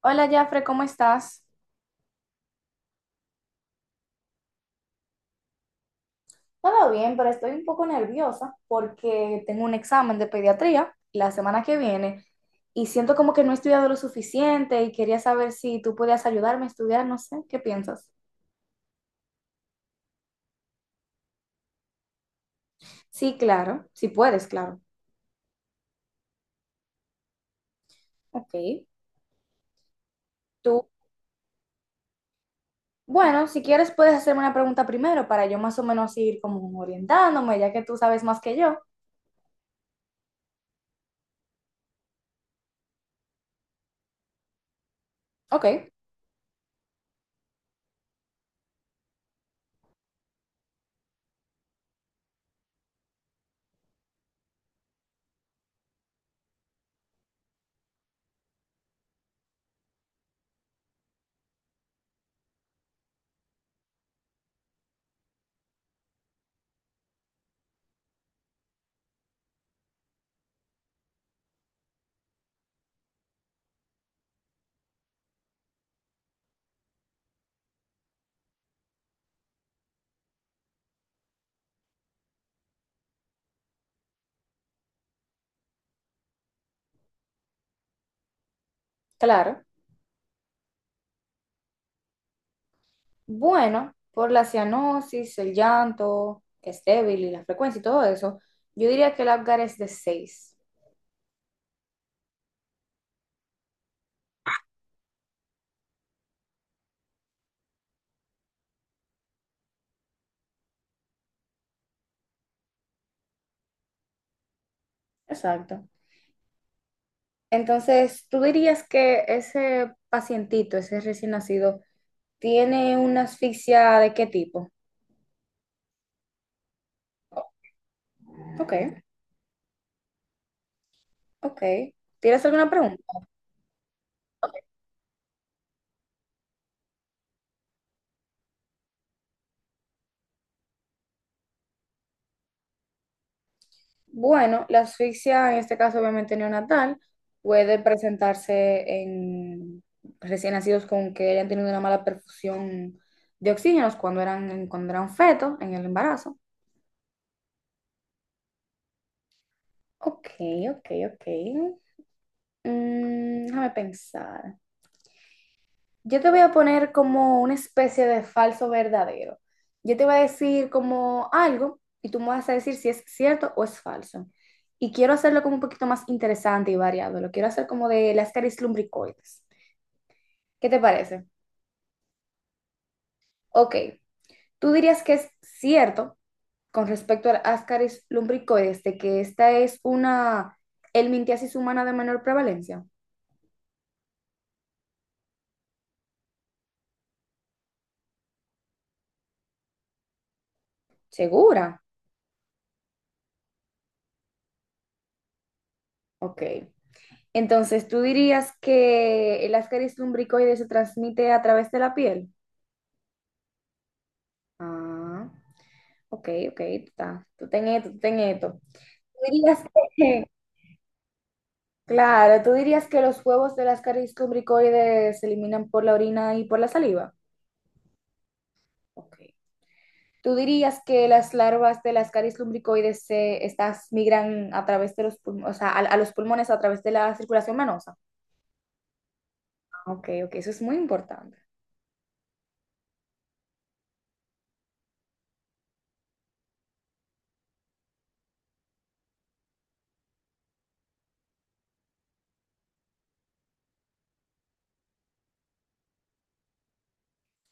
Hola, Jafre, ¿cómo estás? Todo bien, pero estoy un poco nerviosa porque tengo un examen de pediatría la semana que viene y siento como que no he estudiado lo suficiente y quería saber si tú podías ayudarme a estudiar, no sé, ¿qué piensas? Sí, claro, si puedes, claro. Ok. Tú, bueno, si quieres puedes hacerme una pregunta primero para yo más o menos ir como orientándome, ya que tú sabes más que yo. Ok, claro. Bueno, por la cianosis, el llanto, que es débil y la frecuencia y todo eso, yo diría que el Apgar es de 6. Exacto. Entonces, ¿tú dirías que ese pacientito, ese recién nacido, tiene una asfixia de qué tipo? Ok. Ok. ¿Tienes alguna pregunta? Bueno, la asfixia, en este caso obviamente neonatal, puede presentarse en recién nacidos con que hayan tenido una mala perfusión de oxígenos cuando eran fetos en el embarazo. Ok, ok, ok. Déjame pensar. Yo te voy a poner como una especie de falso verdadero. Yo te voy a decir como algo y tú me vas a decir si es cierto o es falso. Y quiero hacerlo como un poquito más interesante y variado. Lo quiero hacer como de las caries lumbricoides. ¿Qué te parece? Ok, tú dirías que es cierto con respecto a las caries lumbricoides de que esta es una helmintiasis humana de menor prevalencia. ¿Segura? Ok. Entonces, ¿tú dirías que el Ascaris lumbricoides se transmite a través de la piel? Ah, ok, ok, tú ten esto, tú ten esto. ¿Tú dirías que, claro, tú dirías que los huevos del Ascaris lumbricoides se eliminan por la orina y por la saliva? Ok. ¿Tú dirías que las larvas del Ascaris lumbricoides estas migran a través de los pulmones, o sea, a los pulmones a través de la circulación venosa? Ah, ok, ok, eso es muy importante.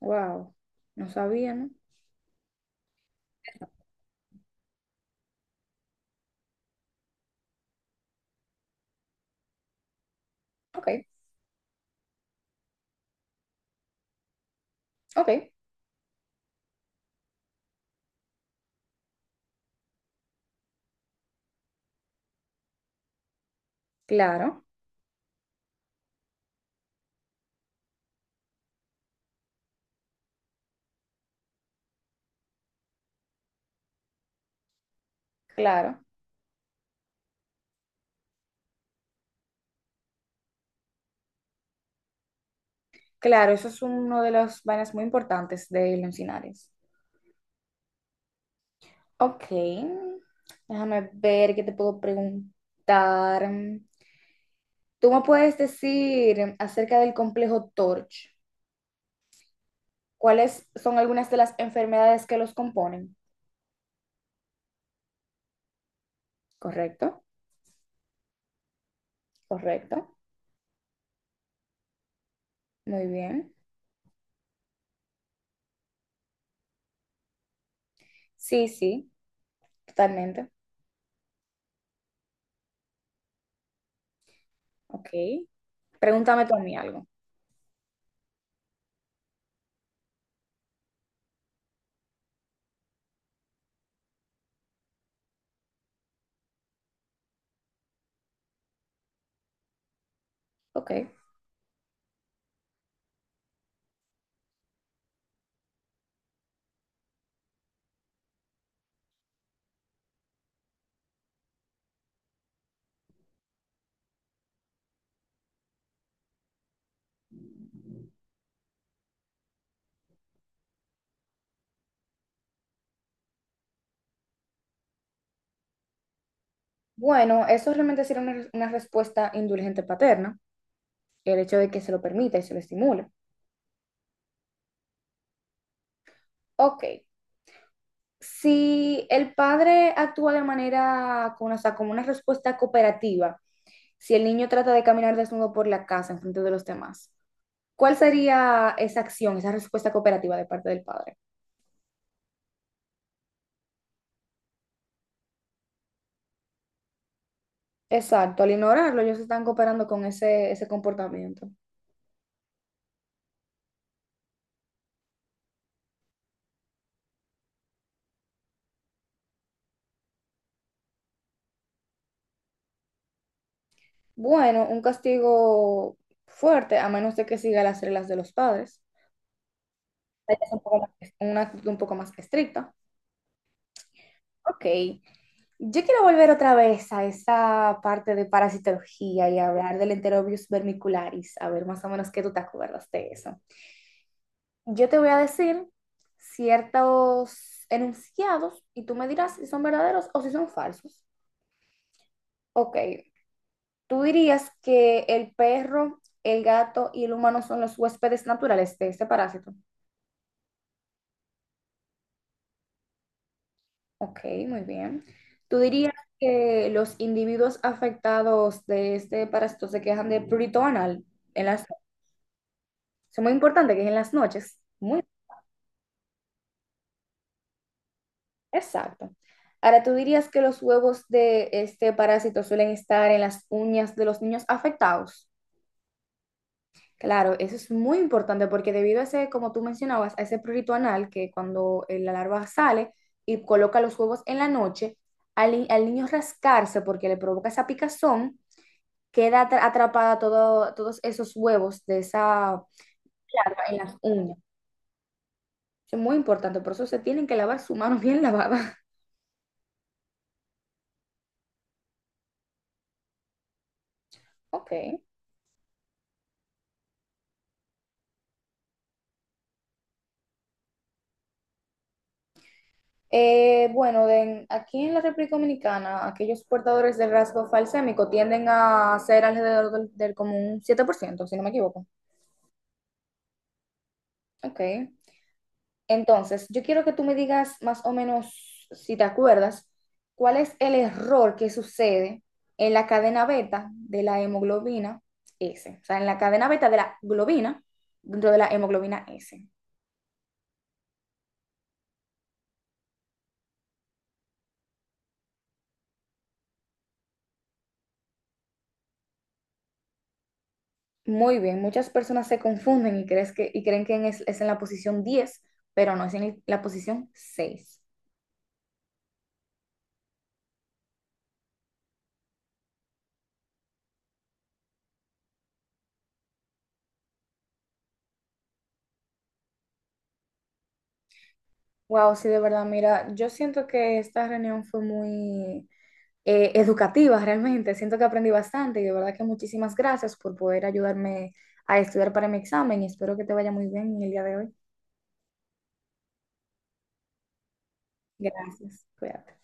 Wow, no sabía, ¿no? Ok, ok. Claro, claro, claro, eso es uno de los vainas muy importantes de Leoncinares. Ok, déjame ver qué te puedo preguntar. ¿Tú me puedes decir acerca del complejo Torch? ¿Cuáles son algunas de las enfermedades que los componen? Correcto, correcto, muy bien. Sí, sí, totalmente. Ok, pregúntame tú a mí algo. Ok, bueno, eso realmente sería una respuesta indulgente paterna. El hecho de que se lo permita y se lo estimule. Ok, si el padre actúa de manera, o sea, como una respuesta cooperativa, si el niño trata de caminar desnudo por la casa en frente de los demás, ¿cuál sería esa acción, esa respuesta cooperativa de parte del padre? Exacto, al ignorarlo, ellos están cooperando con ese comportamiento. Bueno, un castigo fuerte, a menos de que siga las reglas de los padres. Hay una actitud un poco más estricta. Ok, yo quiero volver otra vez a esa parte de parasitología y hablar del Enterobius vermicularis, a ver más o menos qué tú te acuerdas de eso. Yo te voy a decir ciertos enunciados y tú me dirás si son verdaderos o si son falsos. Ok, tú dirías que el perro, el gato y el humano son los huéspedes naturales de este parásito. Ok, muy bien. Tú dirías que los individuos afectados de este parásito se quejan de prurito anal en las es muy importante que es en las noches. Muy Exacto. Ahora, ¿tú dirías que los huevos de este parásito suelen estar en las uñas de los niños afectados? Claro, eso es muy importante porque debido a ese, como tú mencionabas, a ese prurito anal que cuando la larva sale y coloca los huevos en la noche, al, ni- al niño rascarse porque le provoca esa picazón, queda atrapada todos esos huevos de esa larva en las uñas. Eso es muy importante, por eso se tienen que lavar su mano bien lavada. Ok. Bueno, aquí en la República Dominicana, aquellos portadores del rasgo falsémico tienden a ser alrededor del como un 7%, si no me equivoco. Ok. Entonces, yo quiero que tú me digas más o menos, si te acuerdas, cuál es el error que sucede en la cadena beta de la hemoglobina S. O sea, en la cadena beta de la globina dentro de la hemoglobina S. Muy bien, muchas personas se confunden y creen que es en la posición 10, pero no, es en la posición 6. Wow, sí, de verdad, mira, yo siento que esta reunión fue muy educativa realmente, siento que aprendí bastante y de verdad que muchísimas gracias por poder ayudarme a estudiar para mi examen y espero que te vaya muy bien en el día de hoy. Gracias, cuídate.